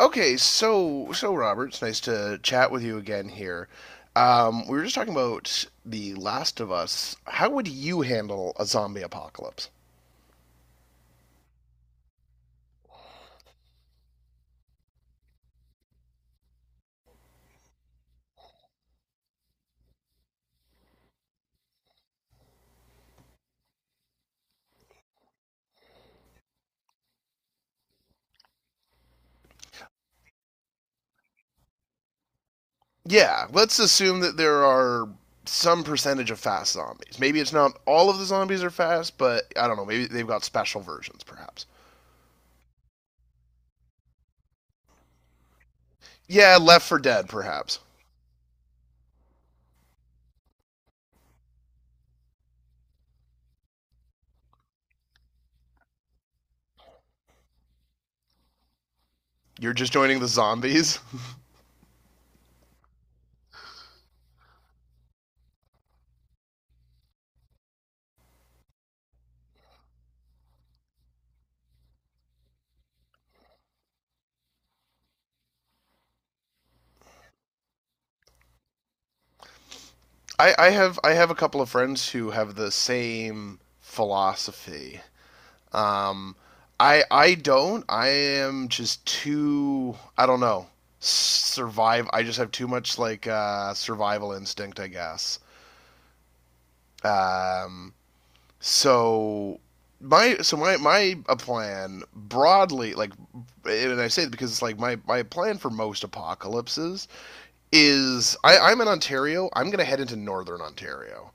Okay, so Robert, it's nice to chat with you again here. We were just talking about The Last of Us. How would you handle a zombie apocalypse? Yeah, let's assume that there are some percentage of fast zombies. Maybe it's not all of the zombies are fast, but I don't know. Maybe they've got special versions, perhaps. Yeah, Left for Dead, perhaps. You're just joining the zombies. I have I have a couple of friends who have the same philosophy. Um, I don't. I am just too. I don't know. Survive. I just have too much like survival instinct, I guess. Um, so my so my a plan broadly, like, and I say it because it's like my plan for most apocalypses is, I'm in Ontario, I'm going to head into northern Ontario,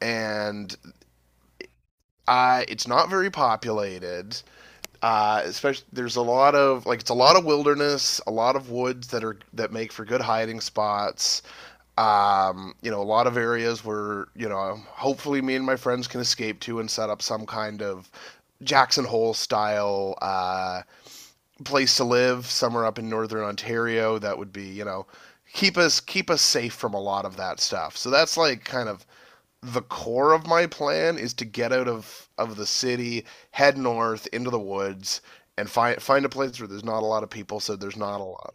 and I, it's not very populated. Especially, there's a lot of, like, it's a lot of wilderness, a lot of woods that are, that make for good hiding spots. You know, a lot of areas where, you know, hopefully me and my friends can escape to and set up some kind of Jackson Hole style place to live somewhere up in northern Ontario that would be, you know, keep us safe from a lot of that stuff. So that's like kind of the core of my plan is to get out of the city, head north into the woods, and find a place where there's not a lot of people, so there's not a lot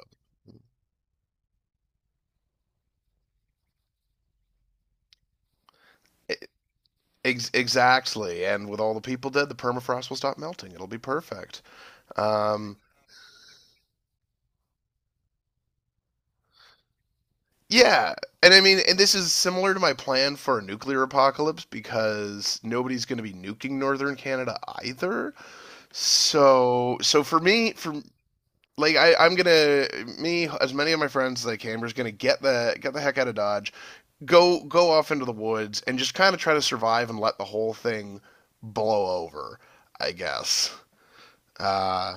of. Exactly, and with all the people dead, the permafrost will stop melting. It'll be perfect. Um, yeah, and I mean, and this is similar to my plan for a nuclear apocalypse because nobody's going to be nuking northern Canada either. So, so for me, for, like, I'm gonna me as many of my friends as I can. We're just gonna get the heck out of Dodge, go off into the woods, and just kind of try to survive and let the whole thing blow over. I guess. Uh,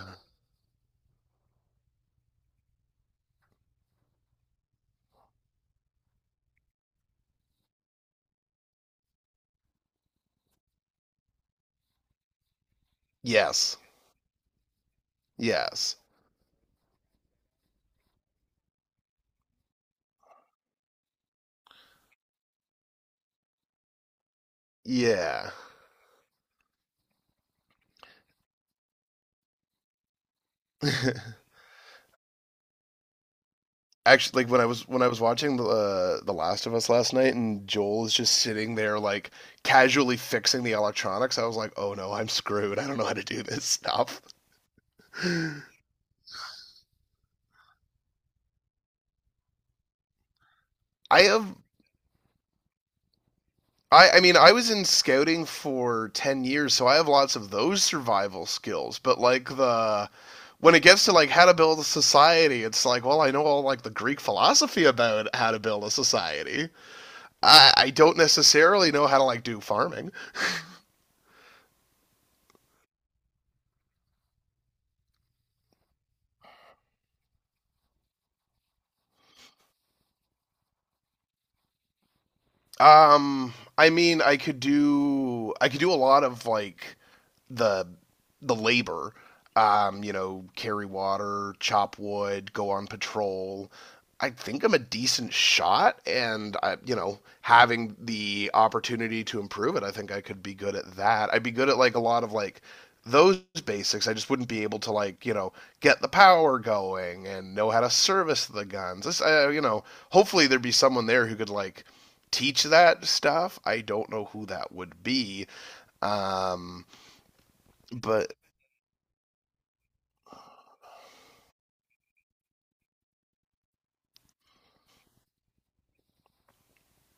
yes, yes, yeah. Actually, like when I was watching the Last of Us last night, and Joel is just sitting there like casually fixing the electronics. I was like, oh no, I'm screwed. I don't know how to do this stuff. I have, I mean, I was in scouting for 10 years, so I have lots of those survival skills. But, like, the, when it gets to, like, how to build a society, it's like, well, I know all, like, the Greek philosophy about how to build a society. I don't necessarily know how to, like, do farming. Um, I mean, I could do a lot of, like, the the labor. You know, carry water, chop wood, go on patrol. I think I'm a decent shot, and I, you know, having the opportunity to improve it, I think I could be good at that. I'd be good at like a lot of like those basics. I just wouldn't be able to, like, you know, get the power going and know how to service the guns. This, you know, hopefully there'd be someone there who could like teach that stuff. I don't know who that would be, um, but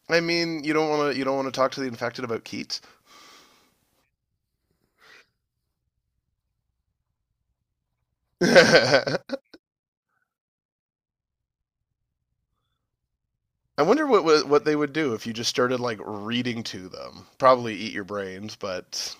I mean, you don't want to talk to the infected about Keats. I wonder what, what they would do if you just started like reading to them. Probably eat your brains, but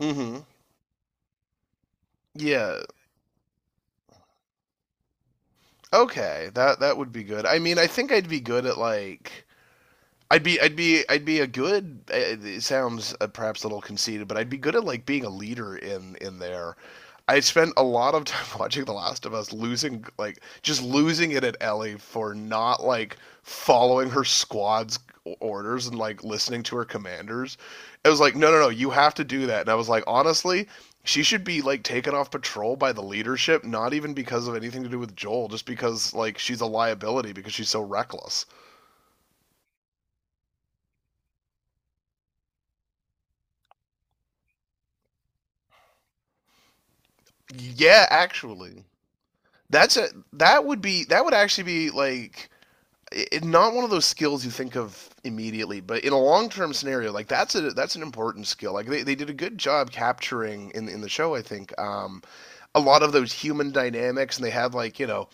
mhm. Yeah. Okay. That would be good. I mean, I think I'd be good at like, I'd be a good. It sounds perhaps a little conceited, but I'd be good at like being a leader in there. I spent a lot of time watching The Last of Us, losing, like, just losing it at Ellie for not like following her squad's orders and like listening to her commanders. It was like, no, no, no, you have to do that. And I was like, honestly, she should be like taken off patrol by the leadership, not even because of anything to do with Joel, just because like she's a liability because she's so reckless. Yeah, actually. That's a, that would actually be like it, not one of those skills you think of immediately, but in a long term scenario, like that's a, that's an important skill. Like they did a good job capturing in the show, I think, a lot of those human dynamics, and they had like, you know,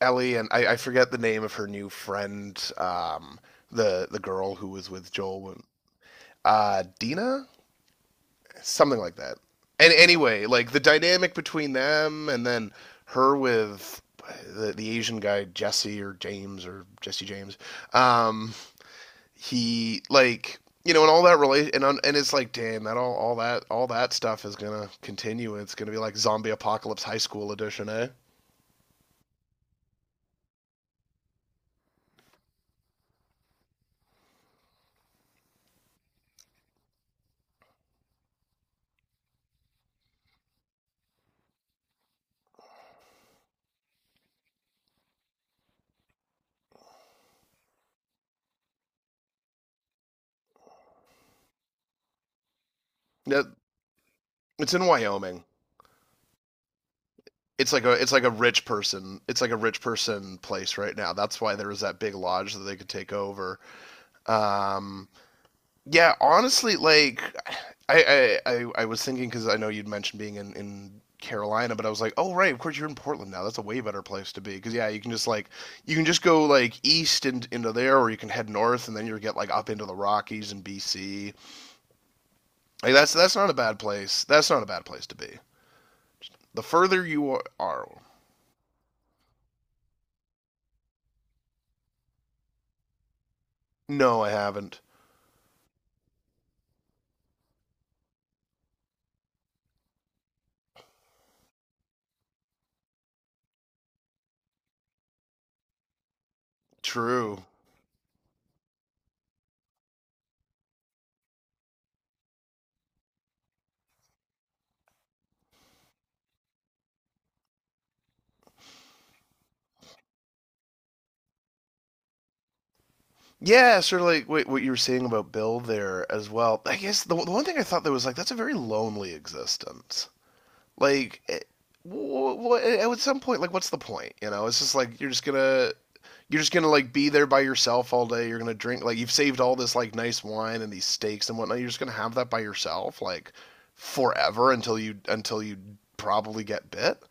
Ellie and, I forget the name of her new friend, the girl who was with Joel, Dina, something like that. And anyway, like the dynamic between them and then her with the Asian guy Jesse or James or Jesse James. Um, he, like, you know, and all that relation, and it's like, damn, that all all that stuff is gonna continue. It's gonna be like zombie apocalypse high school edition, eh? Yeah, it's in Wyoming. It's like a, it's like a rich person. It's like a rich person place right now. That's why there was that big lodge that they could take over. Um, Yeah, honestly, like I was thinking because I know you'd mentioned being in Carolina, but I was like, oh right, of course you're in Portland now. That's a way better place to be because, yeah, you can just like you can just go like east and into there, or you can head north and then you get like up into the Rockies and BC. Like that's not a bad place. That's not a bad place to be. The further you are, no, I haven't. True. Yeah, sort of like what, you were saying about Bill there as well. I guess the one thing I thought that was like that's a very lonely existence. Like, it, at some point, like, what's the point? You know, it's just like you're just gonna like be there by yourself all day. You're gonna drink like you've saved all this like nice wine and these steaks and whatnot. You're just gonna have that by yourself like forever until you probably get bit.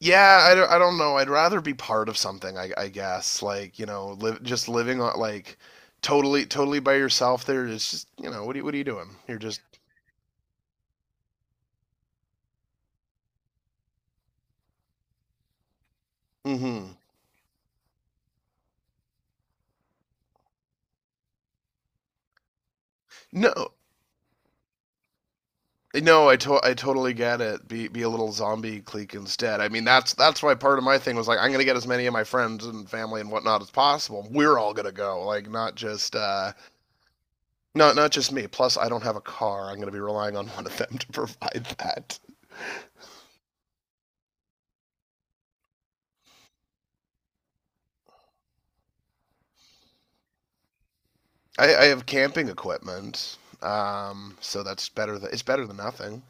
Yeah, I don't know. I'd rather be part of something, I guess. Like, you know, live just living on like totally by yourself. There is just, you know, what are you doing? You're just. Mm-hmm. No, no, I totally get it. Be a little zombie clique instead. I mean, that's why part of my thing was like, I'm gonna get as many of my friends and family and whatnot as possible. We're all gonna go, like not just not just me. Plus, I don't have a car. I'm gonna be relying on one of them to provide that. I have camping equipment, so that's better. It's better than nothing.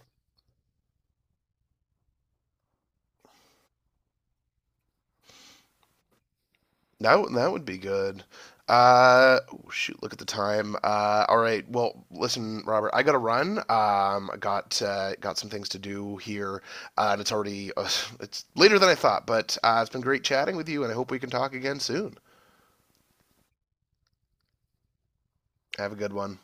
That would be good. Oh, shoot, look at the time. All right. Well, listen, Robert, I gotta run. I got some things to do here, and it's already it's later than I thought. But it's been great chatting with you, and I hope we can talk again soon. Have a good one.